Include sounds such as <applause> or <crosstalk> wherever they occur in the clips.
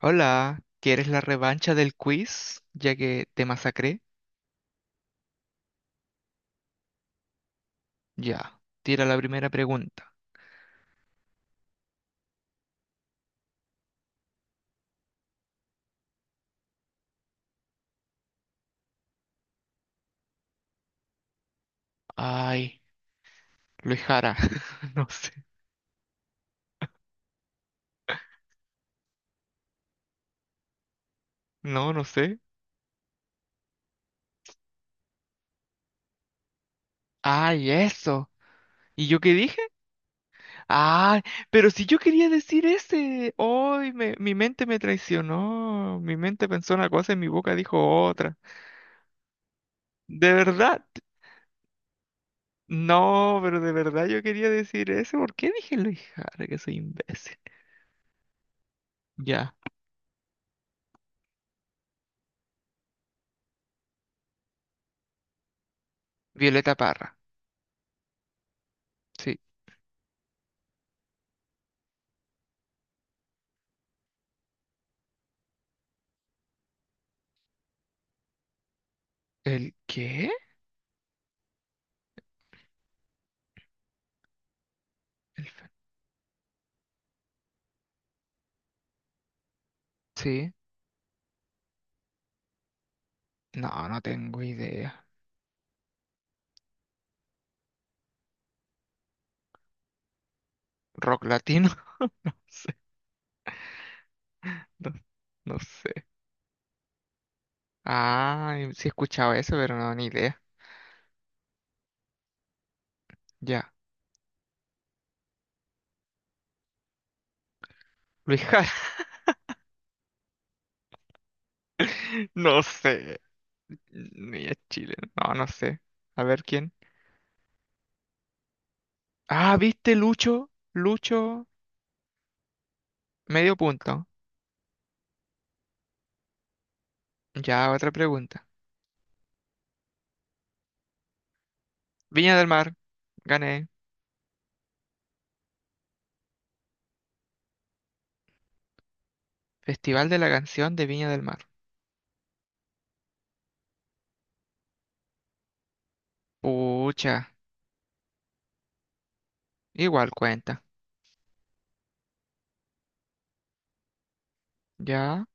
Hola, ¿quieres la revancha del quiz? Ya que te masacré. Ya, tira la primera pregunta. Ay, Luis Jara. <laughs> No sé. No, no sé. Ay, eso. ¿Y yo qué dije? Ay, pero si yo quería decir ese. Ay, mi mente me traicionó. Mi mente pensó una cosa y mi boca dijo otra. ¿De verdad? No, pero de verdad yo quería decir ese. ¿Por qué dije Luis Jara? Que soy imbécil. Ya, Violeta Parra. Sí. ¿El qué? Sí, no, no tengo idea. Rock latino, <laughs> no sé, no, no sé. Ah, sí he escuchado eso, pero no, ni idea. Ya. Luis Jara, <laughs> no sé. Ni es chileno, no, no sé. A ver quién. Ah, ¿viste Lucho? Lucho, medio punto. Ya, otra pregunta. Viña del Mar, gané. Festival de la Canción de Viña del Mar. Pucha, igual cuenta. Ya.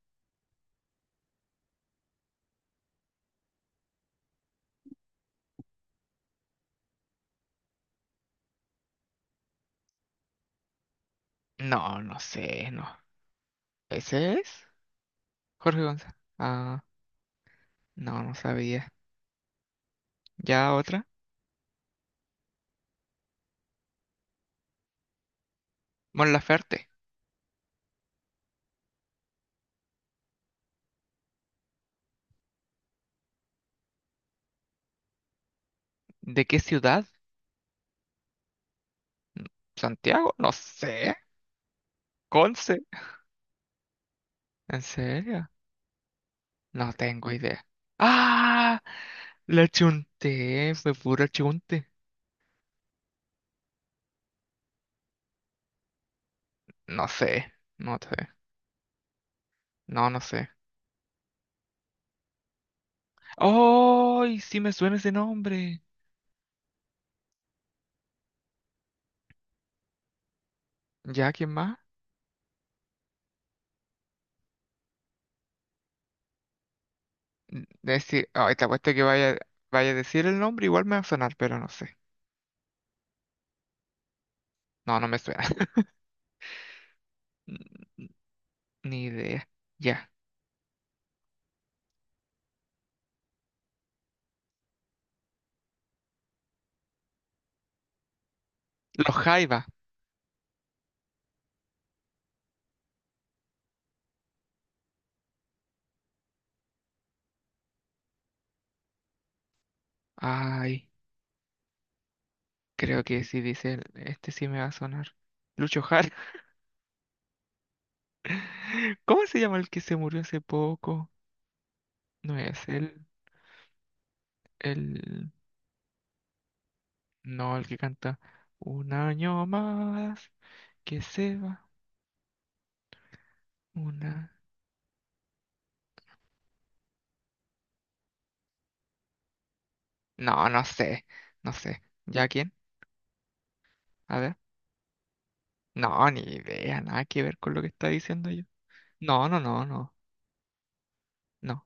No, no sé, no. ¿Ese es? Jorge González. Ah, no, no sabía. ¿Ya otra? Mon Laferte. ¿De qué ciudad? ¿Santiago? No sé. ¿Conce? ¿En serio? No tengo idea. ¡Ah! La chunté. Fue puro chunte. No sé. No sé. No, no sé. ¡Ay! Sí me suena ese nombre. ¿Ya quién más? Decir. Ay, te apuesto que vaya, vaya a decir el nombre. Igual me va a sonar, pero no sé. No, no me suena. <laughs> N- Ni idea. Ya. Los Jaiba. Ay. Creo que sí dice, este sí me va a sonar. Lucho Jara. <laughs> ¿Cómo se llama el que se murió hace poco? No es él, el... No, el que canta Un año más que se va. Una... No, no sé, no sé. ¿Ya quién? A ver. No, ni idea, nada que ver con lo que está diciendo yo. No, no, no, no, no.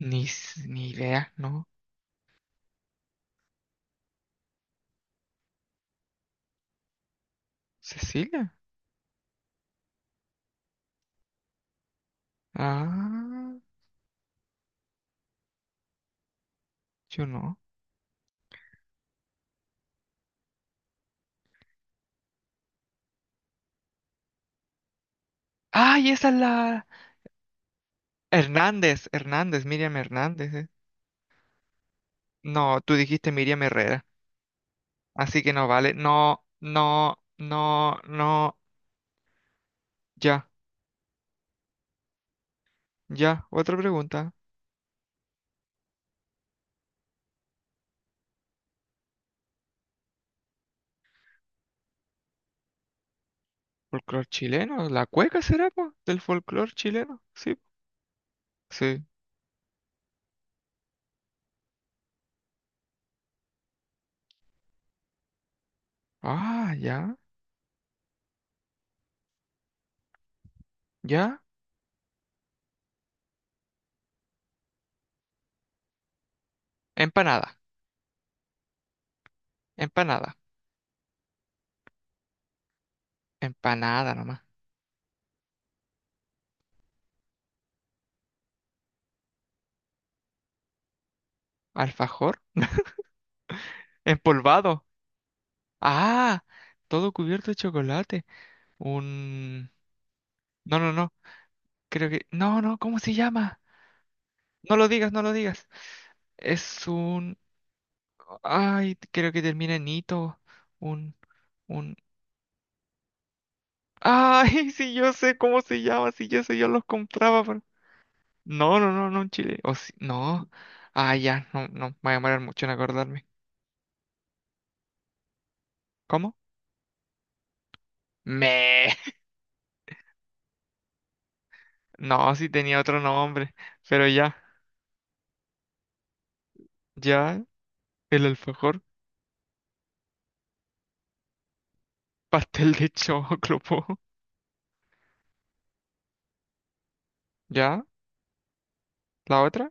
Ni, ni idea, no. ¿Cecilia? Ah, yo no. ¡Ay, esa es la... Hernández, Hernández, Miriam Hernández. Eh. No, tú dijiste Miriam Herrera. Así que no vale. No, no, no, no. Ya, ya. Otra pregunta. ¿Folclor chileno? ¿La cueca será, po? ¿Del folclor chileno? Sí, sí. Ah, ya, ya. Empanada, empanada, empanada nomás. Alfajor, empolvado. Ah, todo cubierto de chocolate. Un... No, no, no. Creo que... No, no, ¿cómo se llama? No lo digas, no lo digas. Es un... Ay, creo que termina en hito. Un... Un... Ay, <laughs> si yo sé cómo se llama, si yo sé, yo los compraba. Pero- No, no, no, no, en Chile. O si... No. Ah, ya, no, no, me voy a demorar mucho en acordarme. ¿Cómo? Me. <laughs> No, sí tenía otro nombre. Pero ya, ya, el alfajor, pastel de <laughs> choclo, po. ¿Ya? ¿La otra?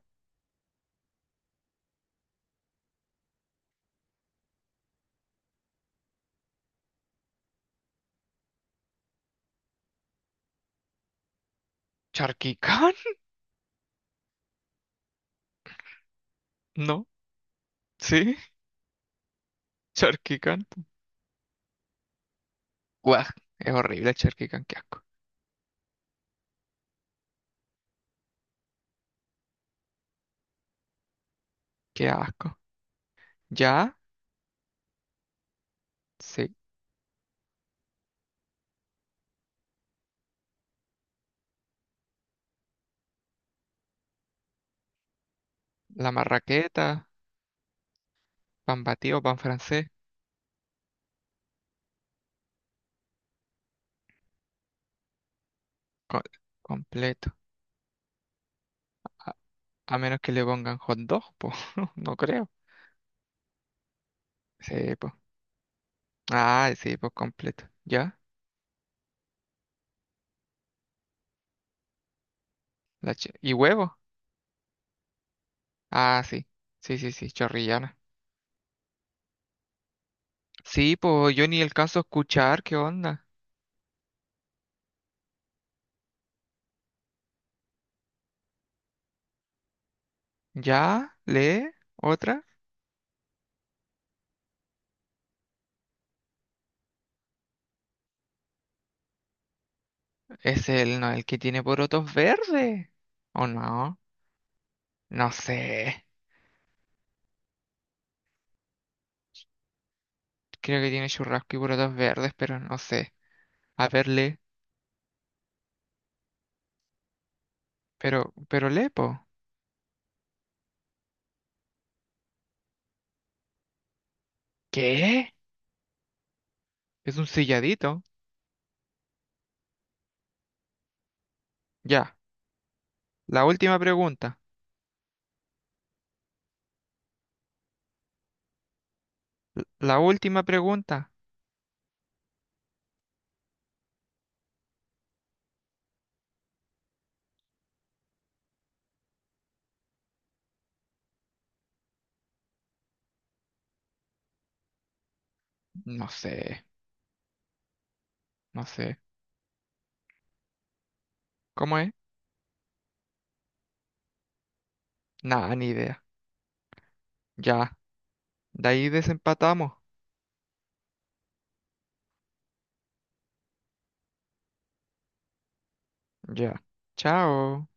¿Charquicán? No, sí, <laughs> Charquicán. Guau, es horrible charquicán, qué asco. Qué asco. Ya, sí. La marraqueta, pan batido, pan francés, co- completo. A menos que le pongan hot dog, pues, <laughs> no creo. Sí, pues. Ah, sí, pues completo. Ya. ¿Y huevo? Ah, sí. Sí, sí, sí, chorrillana. Sí, pues yo ni el caso escuchar, ¿qué onda? ¿Ya? ¿Lee? ¿Otra? Es el, no, el que tiene porotos verdes. ¿O no? No sé. Creo que tiene churrasco y porotos verdes, pero no sé. A ver, lee. Pero lee, po. ¿Qué? Es un silladito. Ya. La última pregunta. La última pregunta. No sé, no sé. ¿Cómo es? Nada, ni idea. Ya. De ahí desempatamos. Ya. Chao.